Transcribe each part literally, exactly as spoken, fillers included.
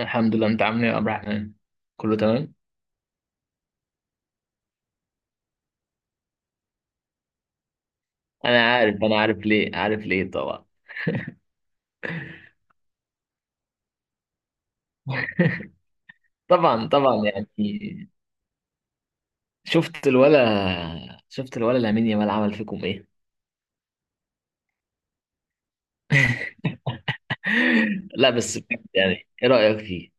الحمد لله، انت عامل ايه يا عبد الرحمن؟ كله تمام. انا عارف انا عارف ليه، عارف ليه طبعا. طبعا طبعا يعني، شفت الولا شفت الولا لامين يامال عمل فيكم ايه؟ لا، بس بجد يعني ايه رايك فيه؟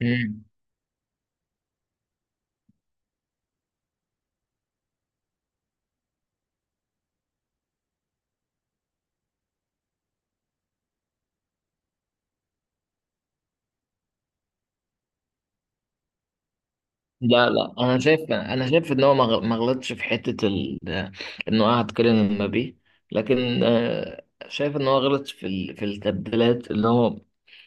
مم. لا لا، انا شايف انا شايف ان هو ما غ- ما غلطش في حته ال... انه قعد كيليان امبابي. لكن آه، شايف ان هو غلط في ال... في التبديلات اللي هو...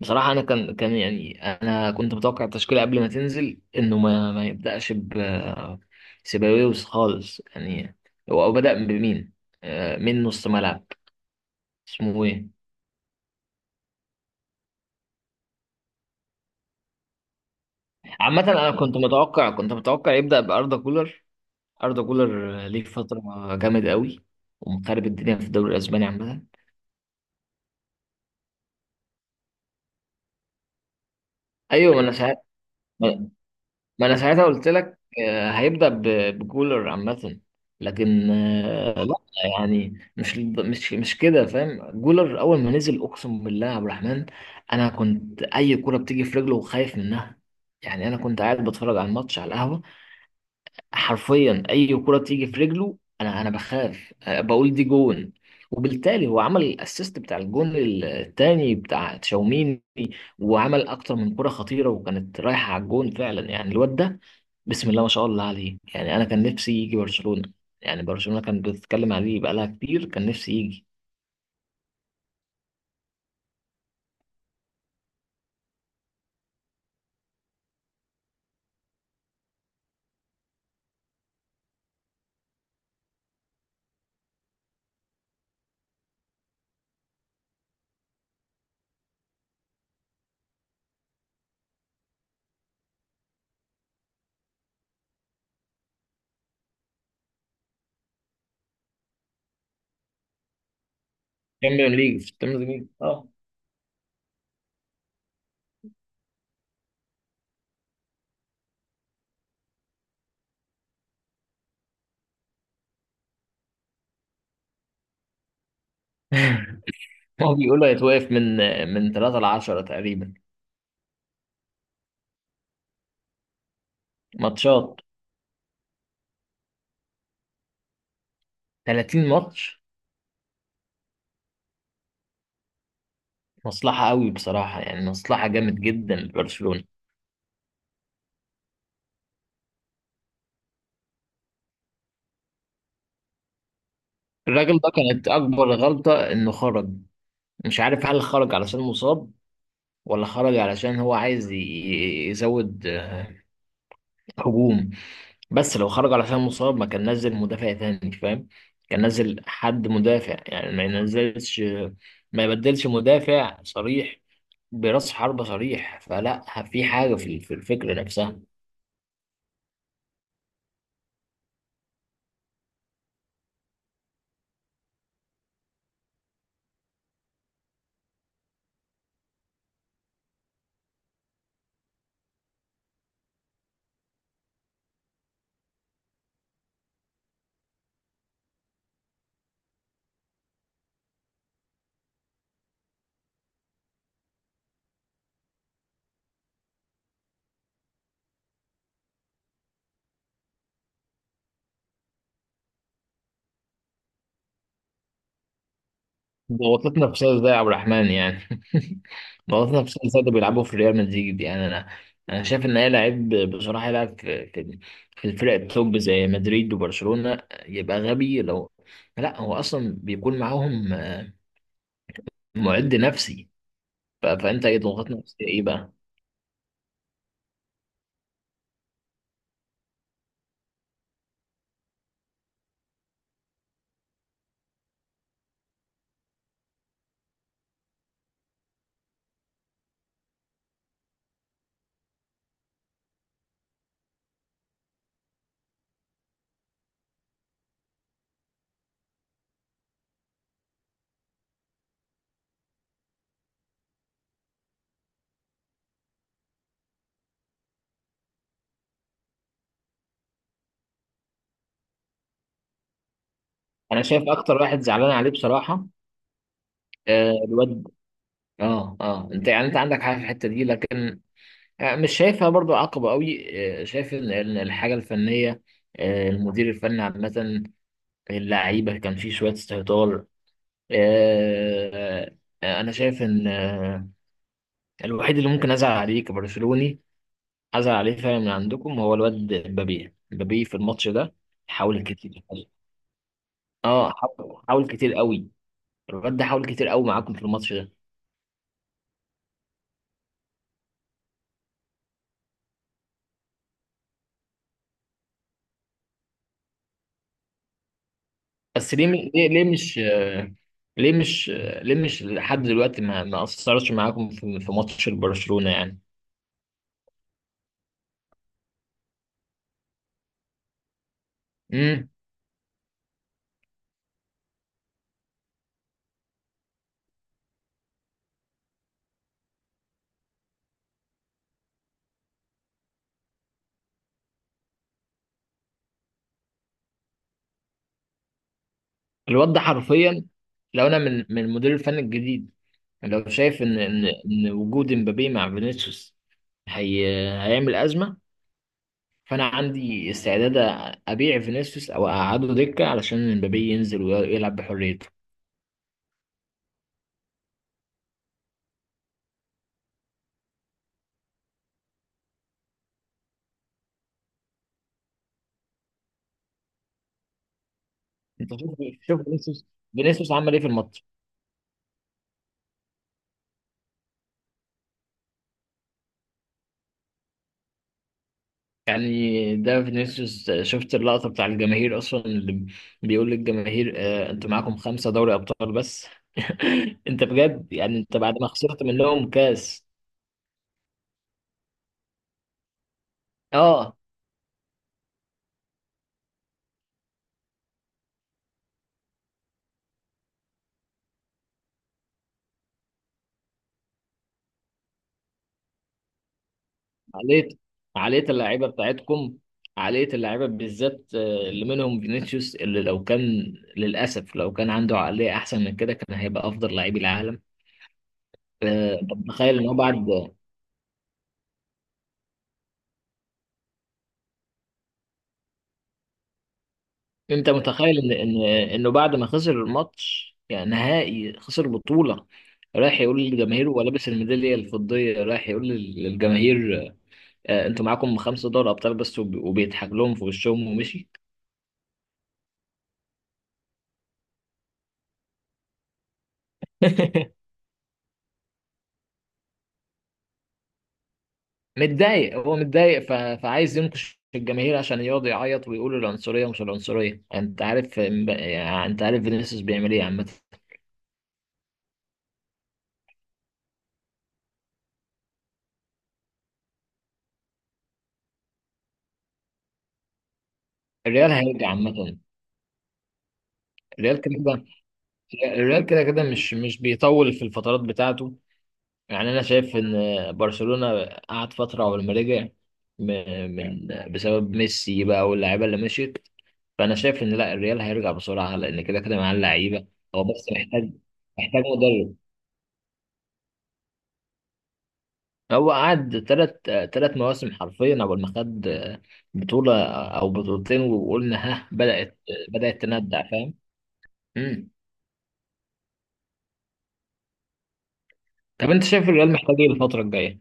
بصراحة أنا كان كان يعني، أنا كنت متوقع التشكيلة قبل ما تنزل، إنه ما ما يبدأش ب سيباويوس خالص يعني. هو بدأ بمين؟ آه، من نص ملعب. اسمه إيه؟ عامة أنا كنت متوقع كنت متوقع يبدأ بأردا كولر. أردا كولر آه، ليه فترة جامد قوي، ومخرب الدنيا في الدوري الأسباني عامة. أيوه، ما أنا ساعات ما انا ساعتها قلت لك، آه، هيبدأ ب- بكولر عامة. لكن آه، لا. يعني مش مش مش كده، فاهم؟ جولر اول ما نزل، اقسم بالله يا عبد الرحمن، انا كنت اي كرة بتيجي في رجله خايف منها. يعني انا كنت قاعد بتفرج على الماتش على القهوة. حرفيا اي كرة تيجي في رجله انا انا بخاف. آه، بقول دي جون. وبالتالي هو عمل الاسيست بتاع الجون الثاني بتاع تشاوميني، وعمل اكتر من كرة خطيرة وكانت رايحة على الجون فعلا. يعني الواد ده، بسم الله ما شاء الله عليه. يعني انا كان نفسي يجي برشلونة. يعني برشلونة كان بتتكلم عليه بقالها كتير، كان نفسي يجي. تشامبيون ليج، في التشامبيون ليج اه. هو بيقولوا هيتوقف من من ثلاثة ل عشرة تقريبا ماتشات. ثلاثين ماتش؟ مصلحة قوي بصراحة، يعني مصلحة جامد جدا لبرشلونة. الراجل ده كانت أكبر غلطة إنه خرج. مش عارف هل خرج علشان مصاب، ولا خرج علشان هو عايز ي- يزود آه، هجوم. بس لو خرج على حساب مصاب، ما كان نزل مدافع تاني، فاهم؟ كان نزل حد مدافع، يعني ما ينزلش، ما يبدلش مدافع صريح براس حربة صريح. فلا في حاجة في في الفكرة نفسها. ضغطتنا في سايز ده يا عبد الرحمن يعني! ضغطتنا في سايز ده بيلعبوا في ريال مدريد؟ يعني انا انا شايف ان هي لعيب بصراحة يلعب في في في الفرق التوب زي مدريد وبرشلونة، يبقى غبي لو... لا، هو اصلا بيكون معاهم معد نفسي. ف- فانت ايه، ضغطنا نفسية ايه بقى؟ انا شايف اكتر واحد زعلان عليه بصراحه آه الواد، اه اه انت يعني، انت عندك حاجه في الحته دي لكن آه مش شايفها برضو عقبه قوي. آه شايف ان إن الحاجه الفنيه، آه المدير الفني عامه، اللعيبه كان فيه شويه استهتار. آه آه انا شايف ان آه الوحيد اللي ممكن ازعل عليه كبرشلوني، ازعل عليه فعلا من عندكم، هو الواد مبابي. مبابي في الماتش ده حاول كتير. اه حاول حاول كتير قوي. الواد ده حاول كتير قوي معاكم في الماتش ده. بس ليه؟ ليه ليه مش ليه مش ليه مش لحد دلوقتي ما ما اثرش معاكم في في ماتش برشلونة يعني؟ امم الواد ده حرفيا، لو انا من من المدير الفني الجديد، لو شايف ان ان ان وجود امبابي مع فينيسيوس هي هيعمل ازمه، فانا عندي استعداد ابيع فينيسيوس او اقعده دكه علشان امبابي ينزل ويلعب بحريته. انت شوف، شوف فينيسيوس، فينيسيوس عمل ايه في الماتش؟ يعني ده فينيسيوس شفت اللقطة بتاع الجماهير أصلا، اللي بيقول للجماهير آه أنتوا معاكم خمسة دوري أبطال بس؟ أنت بجد يعني؟ أنت بعد ما خسرت منهم كاس! أه عقلية، عقلية اللعيبة بتاعتكم، عقلية اللعيبة بالذات، آه، اللي منهم فينيسيوس، اللي لو كان... للأسف لو كان عنده عقلية أحسن من كده كان هيبقى أفضل لعيب العالم. آه، أنت متخيل إن هو بعد انت متخيل ان ان انه بعد ما خسر الماتش، يعني نهائي، خسر بطولة، رايح يقول للجماهير وهو لابس الميدالية الفضية، رايح يقول لل- للجماهير آه، انتوا معاكم خمسة دوري ابطال بس، وب- وبيضحك لهم في وشهم ومشي! متضايق، هو متضايق ف... فعايز ينكش الجماهير عشان يقعد يعيط ويقول العنصرية ومش العنصرية. انت عارف امب- يعني انت عارف فينيسيوس بيعمل ايه عامة. الريال هيرجع عامة. الريال كده كده الريال كده كده مش مش بيطول في الفترات بتاعته. يعني انا شايف ان برشلونة قعد فترة قبل ما رجع، م- من بسبب ميسي بقى واللعيبة اللي مشيت. فانا شايف ان لا، الريال هيرجع بسرعة، لان كده كده معاه اللعيبة. هو بس محتاج محتاج مدرب. هو قعد تلات تلات مواسم حرفيا قبل ما خد بطولة او بطولتين وقلنا ها بدأت، بدأت تندع، فاهم؟ مم. طب انت شايف الريال محتاج ايه الفترة الجاية؟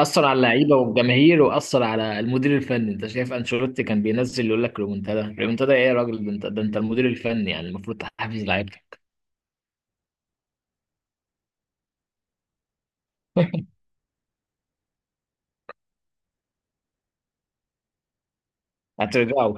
اثر على اللعيبه والجماهير، واثر على المدير الفني. انت شايف انشيلوتي كان بينزل يقول لك ريمونتادا؟ ريمونتادا ايه يا راجل! ده انت، ده انت المدير الفني، يعني المفروض تحفز لعيبتك. هترجعوا؟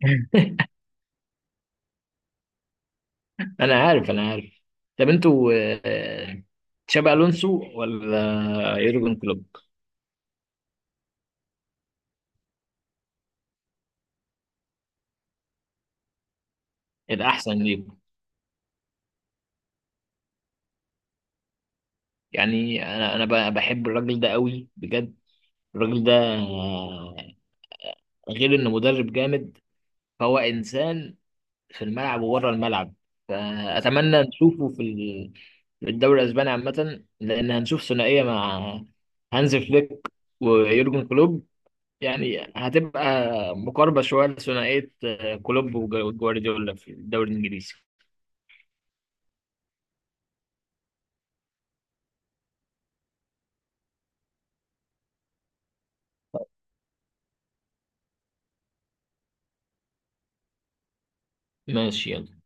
انا عارف انا عارف. طب انتوا آه، تشابي الونسو ولا يورجن كلوب الاحسن ليكم؟ يعني انا انا ب- بحب الراجل ده قوي بجد. الراجل ده آه، غير انه مدرب جامد، فهو انسان في الملعب وبره الملعب. فأتمنى نشوفه في ال- في الدوري الأسباني عامة، لأن هنشوف ثنائية مع هانز فليك ويورجن كلوب. يعني هتبقى مقاربة شوية لثنائية آه، كلوب وجوارديولا في الدوري الإنجليزي. ماشي، يلا.